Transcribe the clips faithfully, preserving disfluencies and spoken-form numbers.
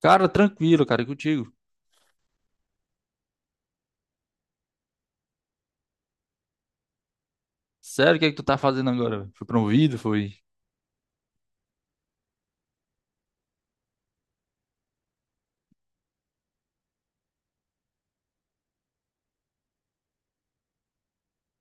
Cara, tranquilo, cara, e contigo. Sério, o que é que tu tá fazendo agora, velho? Foi promovido? Foi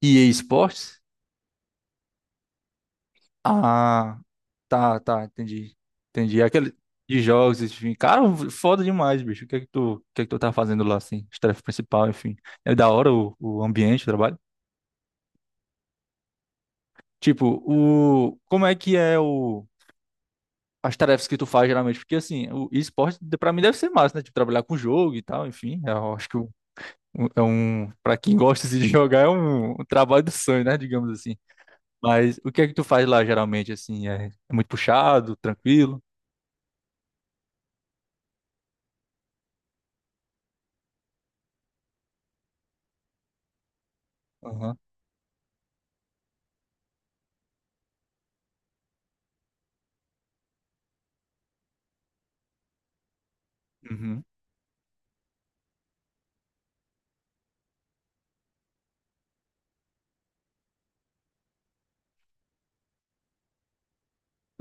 E A Sports? Ah, tá, tá, entendi. Entendi. É aquele de jogos, enfim. Cara, foda demais, bicho. O que é que tu, o que é que tu tá fazendo lá, assim? As tarefas principal, enfim. É da hora o, o ambiente, o trabalho? Tipo, o... Como é que é o... As tarefas que tu faz geralmente, porque assim, o esporte pra mim deve ser massa, né? Tipo, trabalhar com jogo e tal, enfim. Eu acho que o- o- é um, para quem gosta assim, de jogar, é um, um trabalho do sonho, né? Digamos assim. Mas o que é que tu faz lá geralmente, assim? É, é muito puxado, tranquilo? Aham, uhum,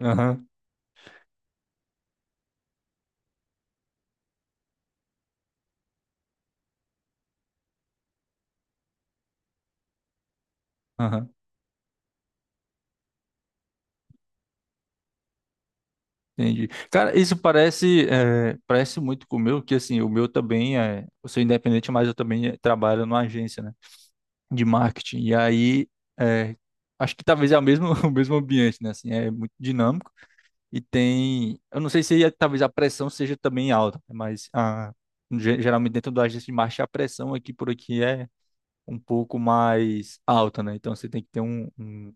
aham, aham, entendi. Cara, isso parece, é, parece muito com o meu, que assim, o meu também é. Eu sou independente, mas eu também eh, trabalho numa agência, né? De marketing. E aí, é, acho que talvez é o mesmo, o mesmo ambiente, né? Assim, é muito dinâmico e tem. Eu não sei se eh, talvez a pressão seja também alta, né, mas a, ge- geralmente dentro da agência de marketing a pressão aqui por aqui é um pouco mais alta, né? Então você tem que ter um, um,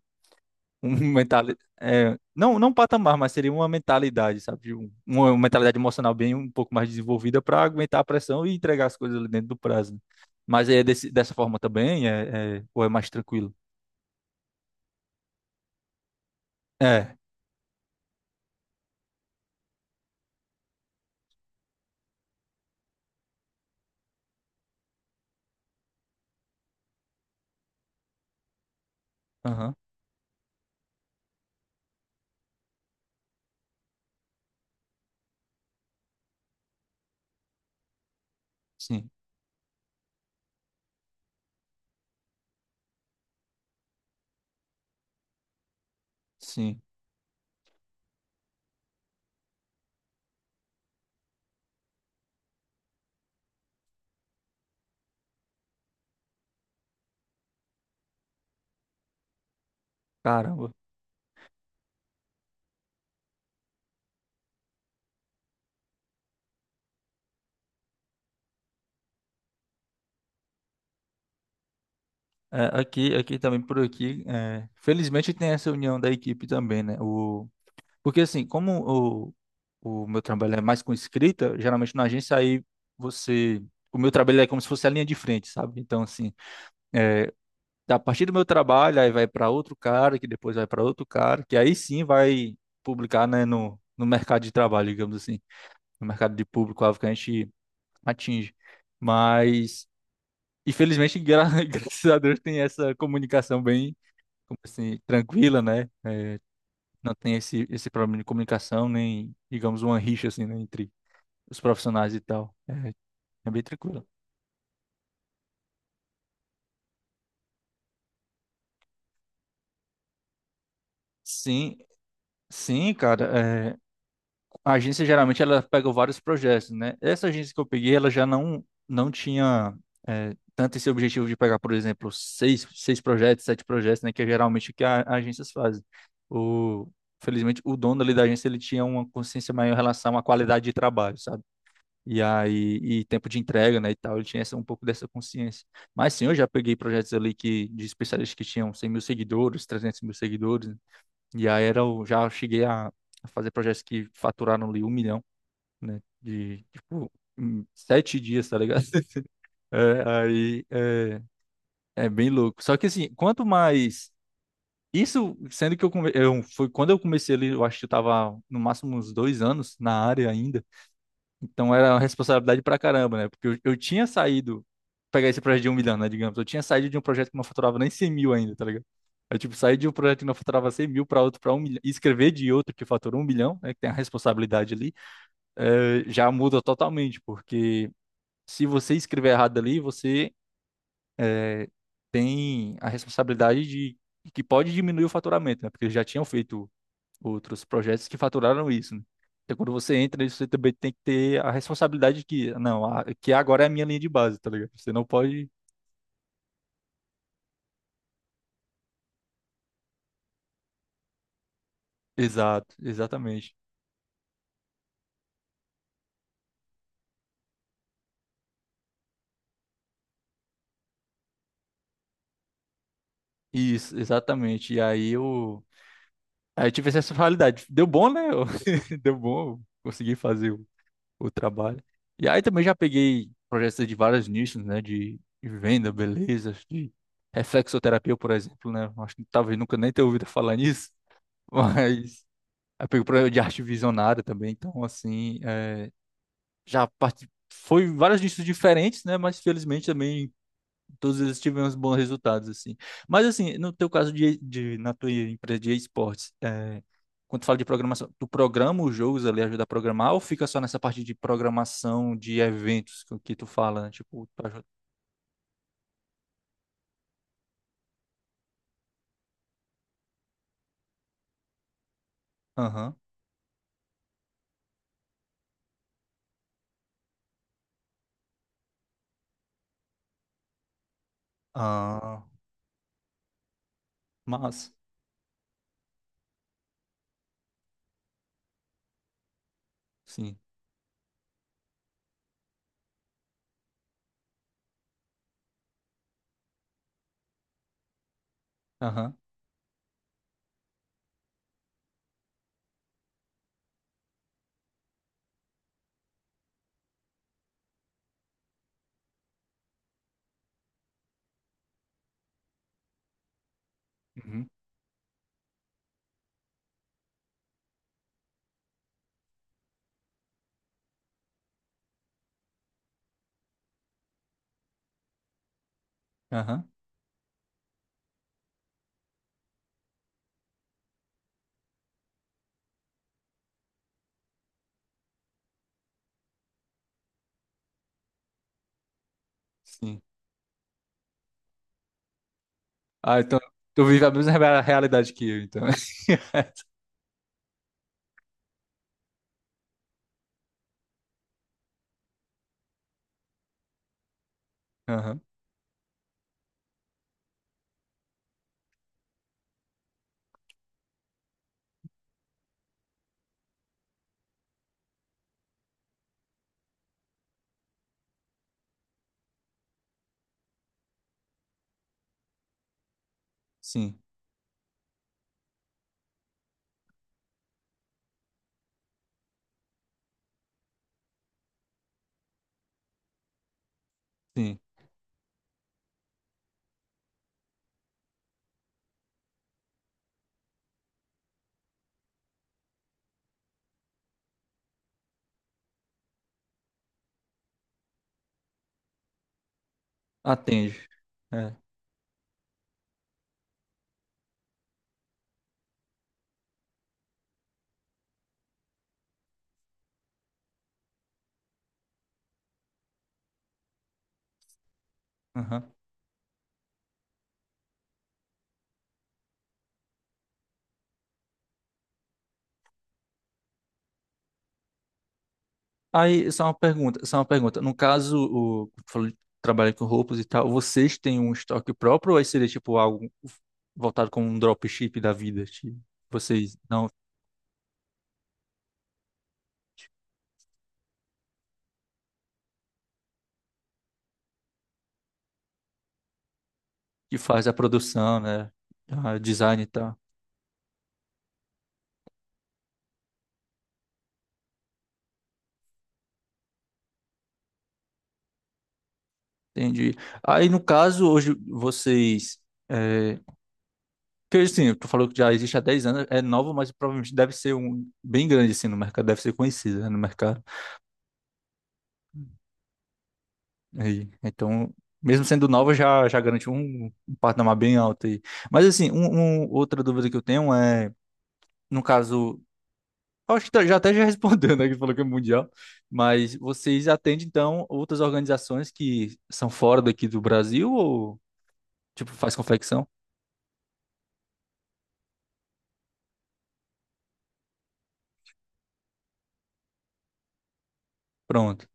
mentalidade. É, não, não um patamar, mas seria uma mentalidade, sabe? De um- Uma uma mentalidade emocional bem um pouco mais desenvolvida para aguentar a pressão e entregar as coisas ali dentro do prazo, né? Mas é desse, dessa forma também? É, é- ou é mais tranquilo? É. Aham. Sim. Sim. Caramba. É, aqui, aqui também por aqui. É, felizmente tem essa união da equipe também, né? O porque assim, como o, o meu trabalho é mais com escrita, geralmente na agência aí você. O meu trabalho é como se fosse a linha de frente, sabe? Então, assim, é, a partir do meu trabalho, aí vai para outro cara, que depois vai para outro cara, que aí sim vai publicar, né, no, no mercado de trabalho, digamos assim, no mercado de público-alvo que a gente atinge. Mas, infelizmente, gra graças a Deus tem essa comunicação bem, como assim, tranquila, né? Não tem esse, esse problema de comunicação, nem, digamos, uma rixa, assim, né, entre os profissionais e tal. É, é bem tranquilo. Sim, sim, cara. É, a agência geralmente ela pega vários projetos, né? Essa agência que eu peguei, ela já não, não tinha, é, tanto esse objetivo de pegar, por exemplo, seis, seis projetos, sete projetos, né? Que é geralmente o que a, as agências fazem. O, felizmente, o dono ali da agência ele tinha uma consciência maior em relação à qualidade de trabalho, sabe? E aí, e tempo de entrega, né, e tal, ele tinha essa, um pouco dessa consciência. Mas sim, eu já peguei projetos ali que, de especialistas que tinham cem mil seguidores, trezentos mil seguidores, né? E aí era, o- já cheguei a, a fazer projetos que faturaram ali um milhão, né, de, tipo, em sete dias, tá ligado? É, aí, é, é bem louco. Só que assim, quanto mais, isso, sendo que eu, come- eu, foi quando eu comecei ali, eu acho que eu tava no máximo uns dois anos na área ainda. Então era uma responsabilidade pra caramba, né? Porque eu, eu tinha saído, pegar esse projeto de um milhão, né? Digamos, eu tinha saído de um projeto que não faturava nem cem mil ainda, tá ligado? Eu, tipo, saí de um projeto que não faturava cem mil para outro, para um milhão, e escrever de outro que fatura um milhão, né? Que tem a responsabilidade ali, eh, já muda totalmente, porque se você escrever errado ali, você, eh, tem a responsabilidade de que pode diminuir o faturamento, né? Porque eles já tinham feito outros projetos que faturaram isso, né? Então, quando você entra você também tem que ter a responsabilidade de que, não, a- que agora é a minha linha de base, tá ligado? Você não pode. Exato, exatamente. Isso, exatamente. E aí eu, aí eu tive essa responsabilidade. Deu bom, né? Eu- Deu bom, eu consegui fazer o, o trabalho. E aí também já peguei projetos de vários nichos, né? De, de venda, beleza, de reflexoterapia, por exemplo, né? Acho que talvez nunca nem tenha ouvido falar nisso, mas. Eu pego problema de arte visionária também, então assim, é, já parti... foi vários nichos diferentes, né? Mas felizmente também todos eles tivemos bons resultados, assim. Mas assim, no teu caso de, de na tua empresa de esportes, é, quando tu fala de programação, tu programa os jogos ali, ajuda a programar, ou fica só nessa parte de programação de eventos que, que tu fala, né? Tipo, tu ajuda. Aham. Ah, mas, sim. Aham. Uhum. Aham. Sim. Ah, então tu vive a mesma rea- realidade que eu, então. Aham, sim, sim. Atende. É. Aham. Aí, só uma pergunta, só uma pergunta. No caso, o falou de trabalho com roupas e tal, vocês têm um estoque próprio ou aí seria tipo algo voltado como um dropship da vida? Tipo, vocês não que faz a produção, né? A design e tal. Entendi. Aí, no caso, hoje vocês. É, porque assim, tu falou que já existe há dez anos, é novo, mas provavelmente deve ser um bem grande assim no mercado, deve ser conhecido, né, no mercado. Aí, então, mesmo sendo nova, já, já garante um, um patamar bem alto aí. Mas assim, um, um- outra dúvida que eu tenho é, no caso, eu acho que tá- já até já respondeu, né, que falou que é mundial, mas vocês atendem, então, outras organizações que são fora daqui do Brasil ou, tipo, faz confecção? Pronto.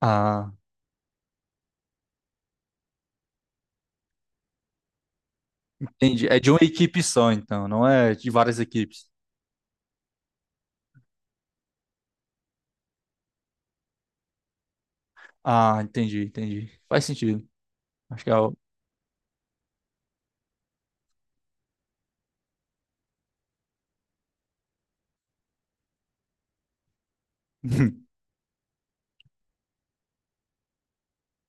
Ah, entendi. É de uma equipe só, então, não é de várias equipes. Ah, entendi, entendi. Faz sentido. Acho que é o...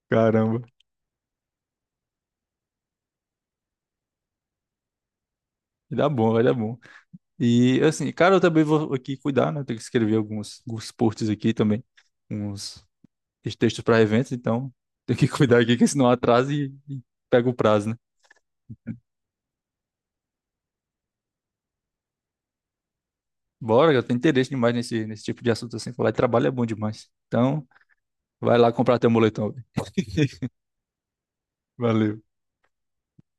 Caramba, vai dar bom, vai dar bom. E assim, cara, eu também vou aqui cuidar, né? Eu tenho que escrever alguns, alguns posts aqui também, uns textos para eventos, então tenho que cuidar aqui, que senão atrasa e, e pega o prazo, né? Bora, eu tenho interesse demais nesse, nesse tipo de assunto assim. Falar de trabalho é bom demais. Então, vai lá comprar teu moletom, velho. Valeu.